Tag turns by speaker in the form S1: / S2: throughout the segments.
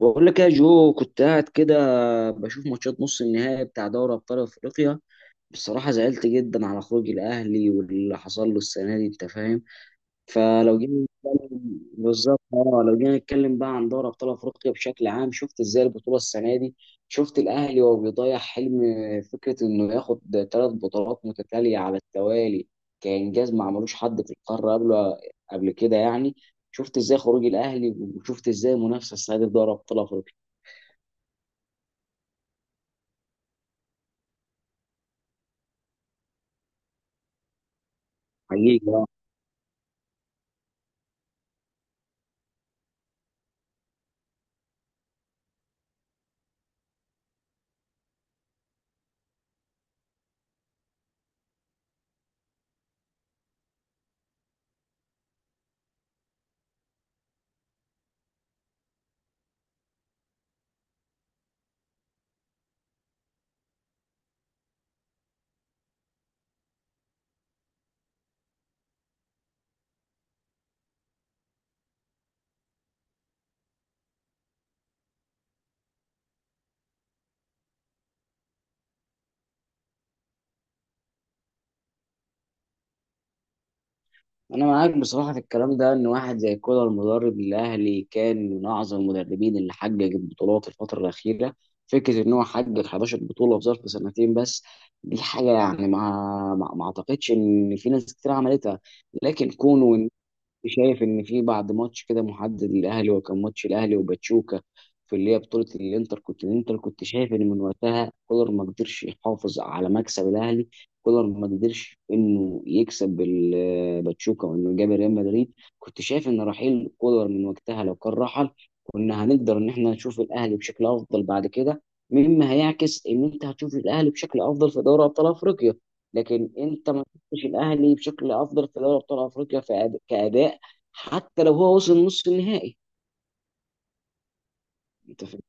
S1: بقول لك يا جو، كنت قاعد كده بشوف ماتشات نص النهائي بتاع دوري ابطال افريقيا. بصراحه زعلت جدا على خروج الاهلي واللي حصل له السنه دي، انت فاهم. فلو جينا نتكلم بالظبط، اه، لو جينا نتكلم بقى عن دوري ابطال افريقيا بشكل عام. شفت ازاي البطوله السنه دي، شفت الاهلي وهو بيضيع حلم فكره انه ياخد ثلاث بطولات متتاليه على التوالي كانجاز ما عملوش حد في القاره قبل كده يعني. شفت ازاي خروج الاهلي وشفت ازاي المنافسه السنه دي في دوري ابطال افريقيا. حقيقي آه. انا معاك بصراحه في الكلام ده، ان واحد زي كولر المدرب الاهلي كان من اعظم المدربين اللي حقق بطولات الفتره الاخيره. فكره ان هو حقق 11 بطوله في ظرف سنتين بس، دي حاجه يعني ما اعتقدش ان في ناس كتير عملتها. لكن كونه شايف ان في بعد ماتش كده محدد للاهلي، وكان ماتش الاهلي وباتشوكا في اللي هي بطوله الانتر كنت الانتر كنت شايف ان من وقتها كولر ما قدرش يحافظ على مكسب الاهلي. كولر ما قدرش انه يكسب باتشوكا وانه جاب ريال مدريد. كنت شايف ان رحيل كولر من وقتها لو كان رحل، كنا هنقدر ان احنا نشوف الاهلي بشكل افضل بعد كده، مما هيعكس ان انت هتشوف الاهلي بشكل افضل في دوري ابطال افريقيا. لكن انت ما شفتش الاهلي بشكل افضل في دوري ابطال افريقيا في كاداء، حتى لو هو وصل نص النهائي. انت فاهم.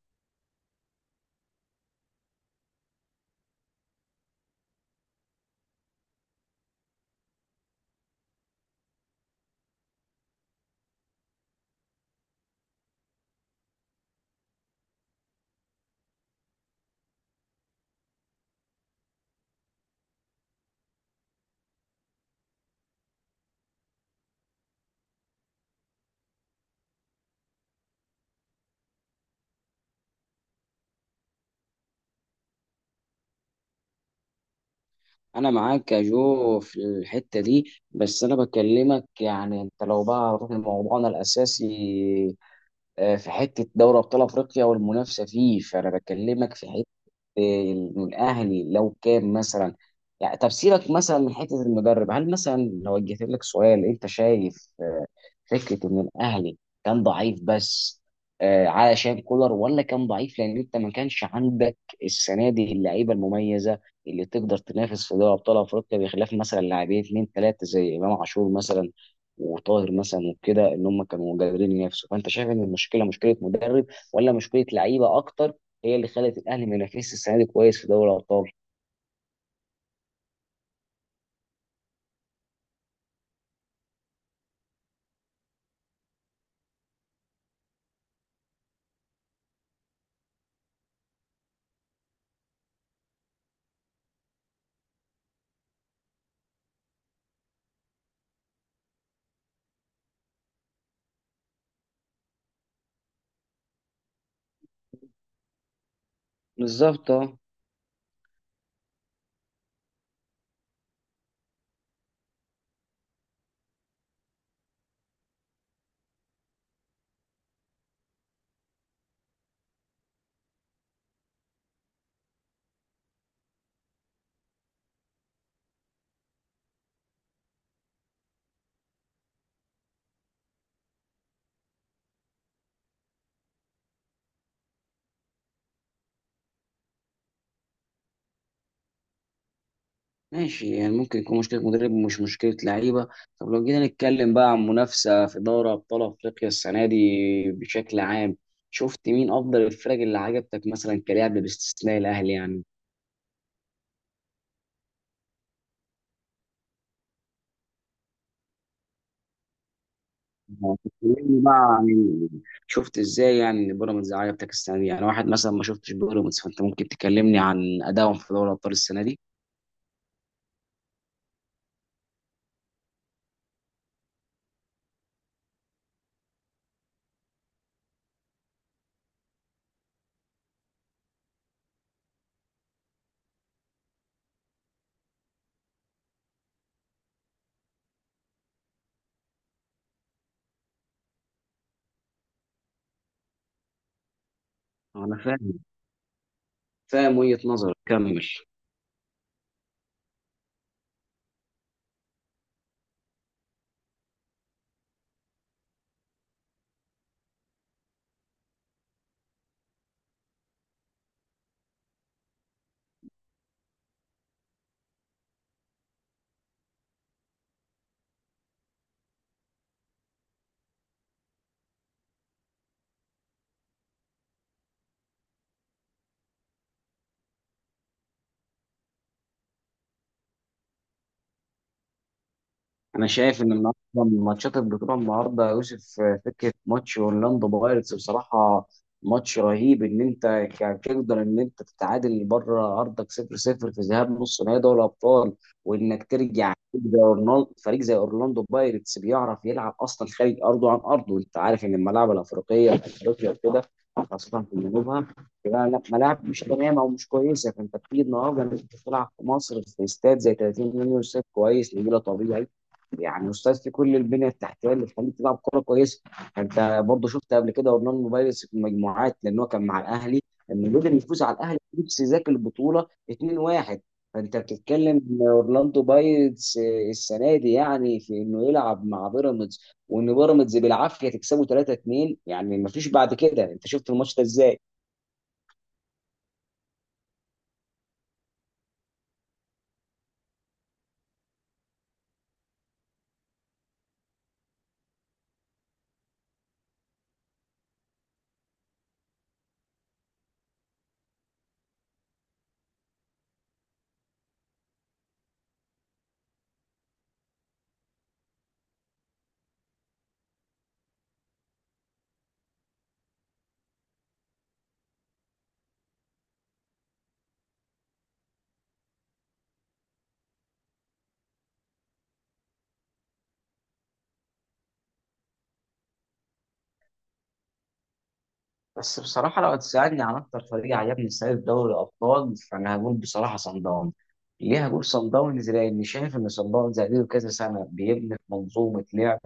S1: انا معاك يا جو في الحته دي. بس انا بكلمك يعني، انت لو بقى رحنا لموضوعنا الاساسي، في حته دوري ابطال افريقيا والمنافسه فيه، فانا بكلمك في ان الاهلي لو كان مثلا، يعني طب سيبك مثلا من حته المدرب. هل مثلا لو وجهت لك سؤال، انت شايف فكره ان الاهلي كان ضعيف بس علشان كولر، ولا كان ضعيف لان انت ما كانش عندك السنه دي اللعيبه المميزه اللي تقدر تنافس في دوري ابطال افريقيا، بخلاف مثلا لاعبين اثنين ثلاثه زي امام عاشور مثلا، وطاهر مثلا وكده، ان هم كانوا قادرين ينافسوا. فانت شايف ان المشكله مشكله مدرب ولا مشكله لعيبه اكتر هي اللي خلت الاهلي ما ينافسش السنه دي كويس في دوري الابطال؟ بالظبط اه. ماشي، يعني ممكن يكون مشكلة مدرب ومش مشكلة لعيبة. طب لو جينا نتكلم بقى عن منافسة في دوري أبطال أفريقيا السنة دي بشكل عام، شفت مين أفضل الفرق اللي عجبتك مثلا كلاعب باستثناء الأهلي يعني؟ تكلمني بقى عن شفت إزاي يعني إن بيراميدز عجبتك السنة دي؟ يعني واحد مثلا ما شفتش بيراميدز، فأنت ممكن تكلمني عن أدائهم في دوري الأبطال السنة دي. أنا فاهم. فاهم وجهة نظرك، كمل. انا شايف ان النهارده من ماتشات البطوله النهارده يا يوسف، فكره ماتش اورلاندو بايرتس بصراحه ماتش رهيب، ان انت تقدر ان انت تتعادل بره ارضك 0-0 في ذهاب نص نهائي دوري الابطال، وانك ترجع فريق زي اورلاندو بايرتس بيعرف يلعب اصلا خارج ارضه عن ارضه. انت عارف ان الملاعب الافريقيه في افريقيا وكده، خاصه في جنوبها، لا، ملاعب مش تمام او مش كويسه. فانت بتيجي النهارده إن انت تلعب في مصر في استاد زي 30 مليون استاد كويس نجيله طبيعي، يعني استاذ في كل البنيه التحتيه اللي تخليك تلعب كوره كويسه. انت برضه شفت قبل كده ورنان موبايلس في المجموعات، لان هو كان مع الاهلي، انه قدر يفوز على الاهلي نفس ذاك البطوله 2-1. فانت بتتكلم إن اورلاندو بايرتس السنه دي، يعني في انه يلعب مع بيراميدز، وان بيراميدز بالعافيه تكسبه 3-2، يعني ما فيش بعد كده. انت شفت الماتش ده ازاي؟ بس بصراحة لو هتسألني عن أكتر فريق عجبني السنة دي في دوري الأبطال، فأنا هقول بصراحة صن داونز. ليه هقول صن داونز؟ لأني شايف إن صن داونز زي كذا سنة بيبني في منظومة لعب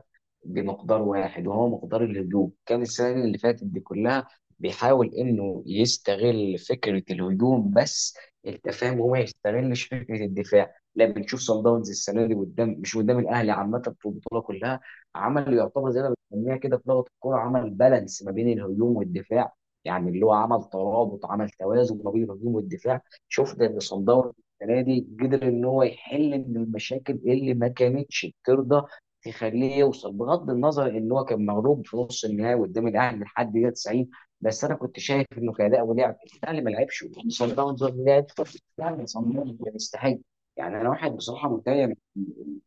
S1: بمقدار واحد وهو مقدار الهجوم. كان السنة اللي فاتت دي كلها بيحاول انه يستغل فكرة الهجوم بس، انت فاهم، هو ما يستغلش فكرة الدفاع. لا، بنشوف صن داونز السنة دي قدام، مش قدام الاهلي، عامة في البطولة كلها، عمل يعتبر زي ما بنسميها كده في لغة الكورة عمل بالانس ما بين الهجوم والدفاع، يعني اللي هو عمل ترابط، عمل توازن ما بين الهجوم والدفاع. شفنا ان صن داونز السنة دي قدر ان هو يحل من المشاكل اللي ما كانتش بترضى تخليه يوصل، بغض النظر ان هو كان مغلوب في نص النهائي قدام الاهلي لحد دقيقه 90. بس انا كنت شايف انه كاداء ولعب، الاهلي ما لعبش، صن داونز لعب. يعني صن داونز كان يستحق. يعني انا واحد بصراحه متضايق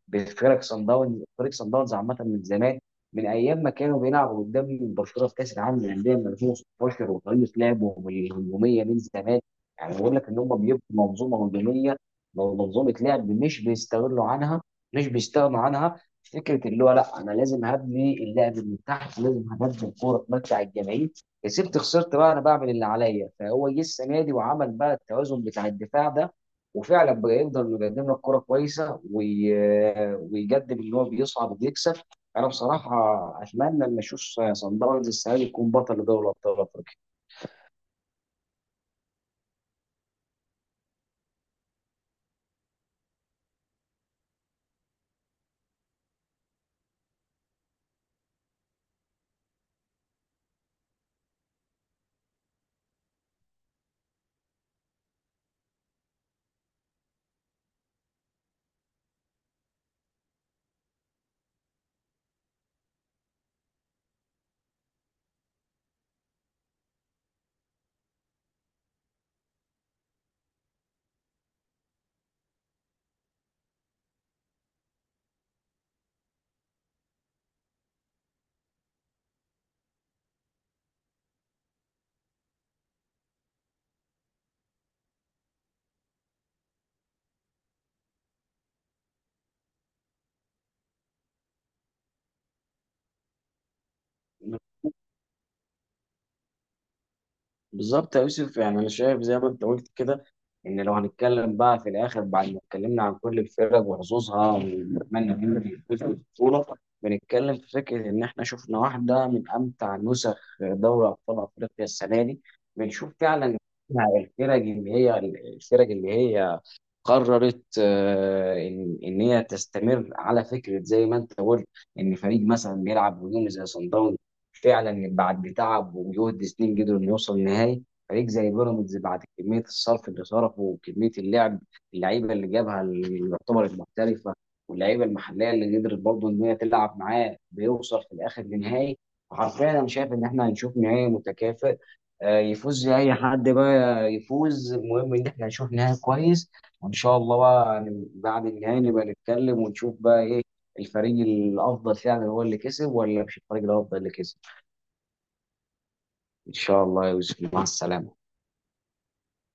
S1: بفرق صن داونز، فريق صن داونز عامه من زمان، من ايام ما كانوا بيلعبوا قدام برشلونه في كاس العالم للانديه من 2016، وطريقه لعبهم الهجوميه من زمان. يعني بقول لك ان هم بيبقوا منظومه هجوميه، منظومه لعب مش بيستغنوا عنها. فكره اللي هو لا انا لازم هبني اللعب من تحت، لازم هبني الكوره تمتع الجماهير، كسبت خسرت بقى انا بعمل اللي عليا. فهو جه السنه دي وعمل بقى التوازن بتاع الدفاع ده، وفعلا بقى يقدر انه يقدم لك كوره كويسه، ويقدم ان هو بيصعد وبيكسب. انا بصراحه اتمنى ان اشوف صن داونز السنه دي يكون بطل لدوري ابطال افريقيا. بالظبط يا يوسف، يعني انا شايف زي ما انت قلت كده، ان لو هنتكلم بقى في الاخر بعد ما اتكلمنا عن كل الفرق وحظوظها ونتمنى ان هي تفوز بالبطوله، بنتكلم في فكره ان احنا شفنا واحده من امتع نسخ دوري ابطال افريقيا السنه دي. بنشوف فعلا الفرق اللي هي قررت، ان هي تستمر، على فكره زي ما انت قلت، ان فريق مثلا بيلعب هجومي زي صن داونز فعلا بعد تعب وجهد سنين قدروا انه يوصل النهائي. فريق زي بيراميدز بعد كميه الصرف اللي صرفه وكميه اللعب، اللعيبه اللي جابها اللي يعتبرت محترفه، واللعيبه المحليه اللي قدرت برضه ان هي تلعب معاه، بيوصل في الاخر لنهائي. حرفيا انا شايف ان احنا هنشوف نهائي متكافئ، يفوز زي اي حد بقى يفوز، المهم ان احنا نشوف نهائي كويس. وان شاء الله بقى بعد النهائي نبقى نتكلم ونشوف بقى ايه الفريق الافضل، فعلا هو اللي كسب ولا مش الفريق الافضل اللي كسب. ان شاء الله يا يوسف، مع السلامة.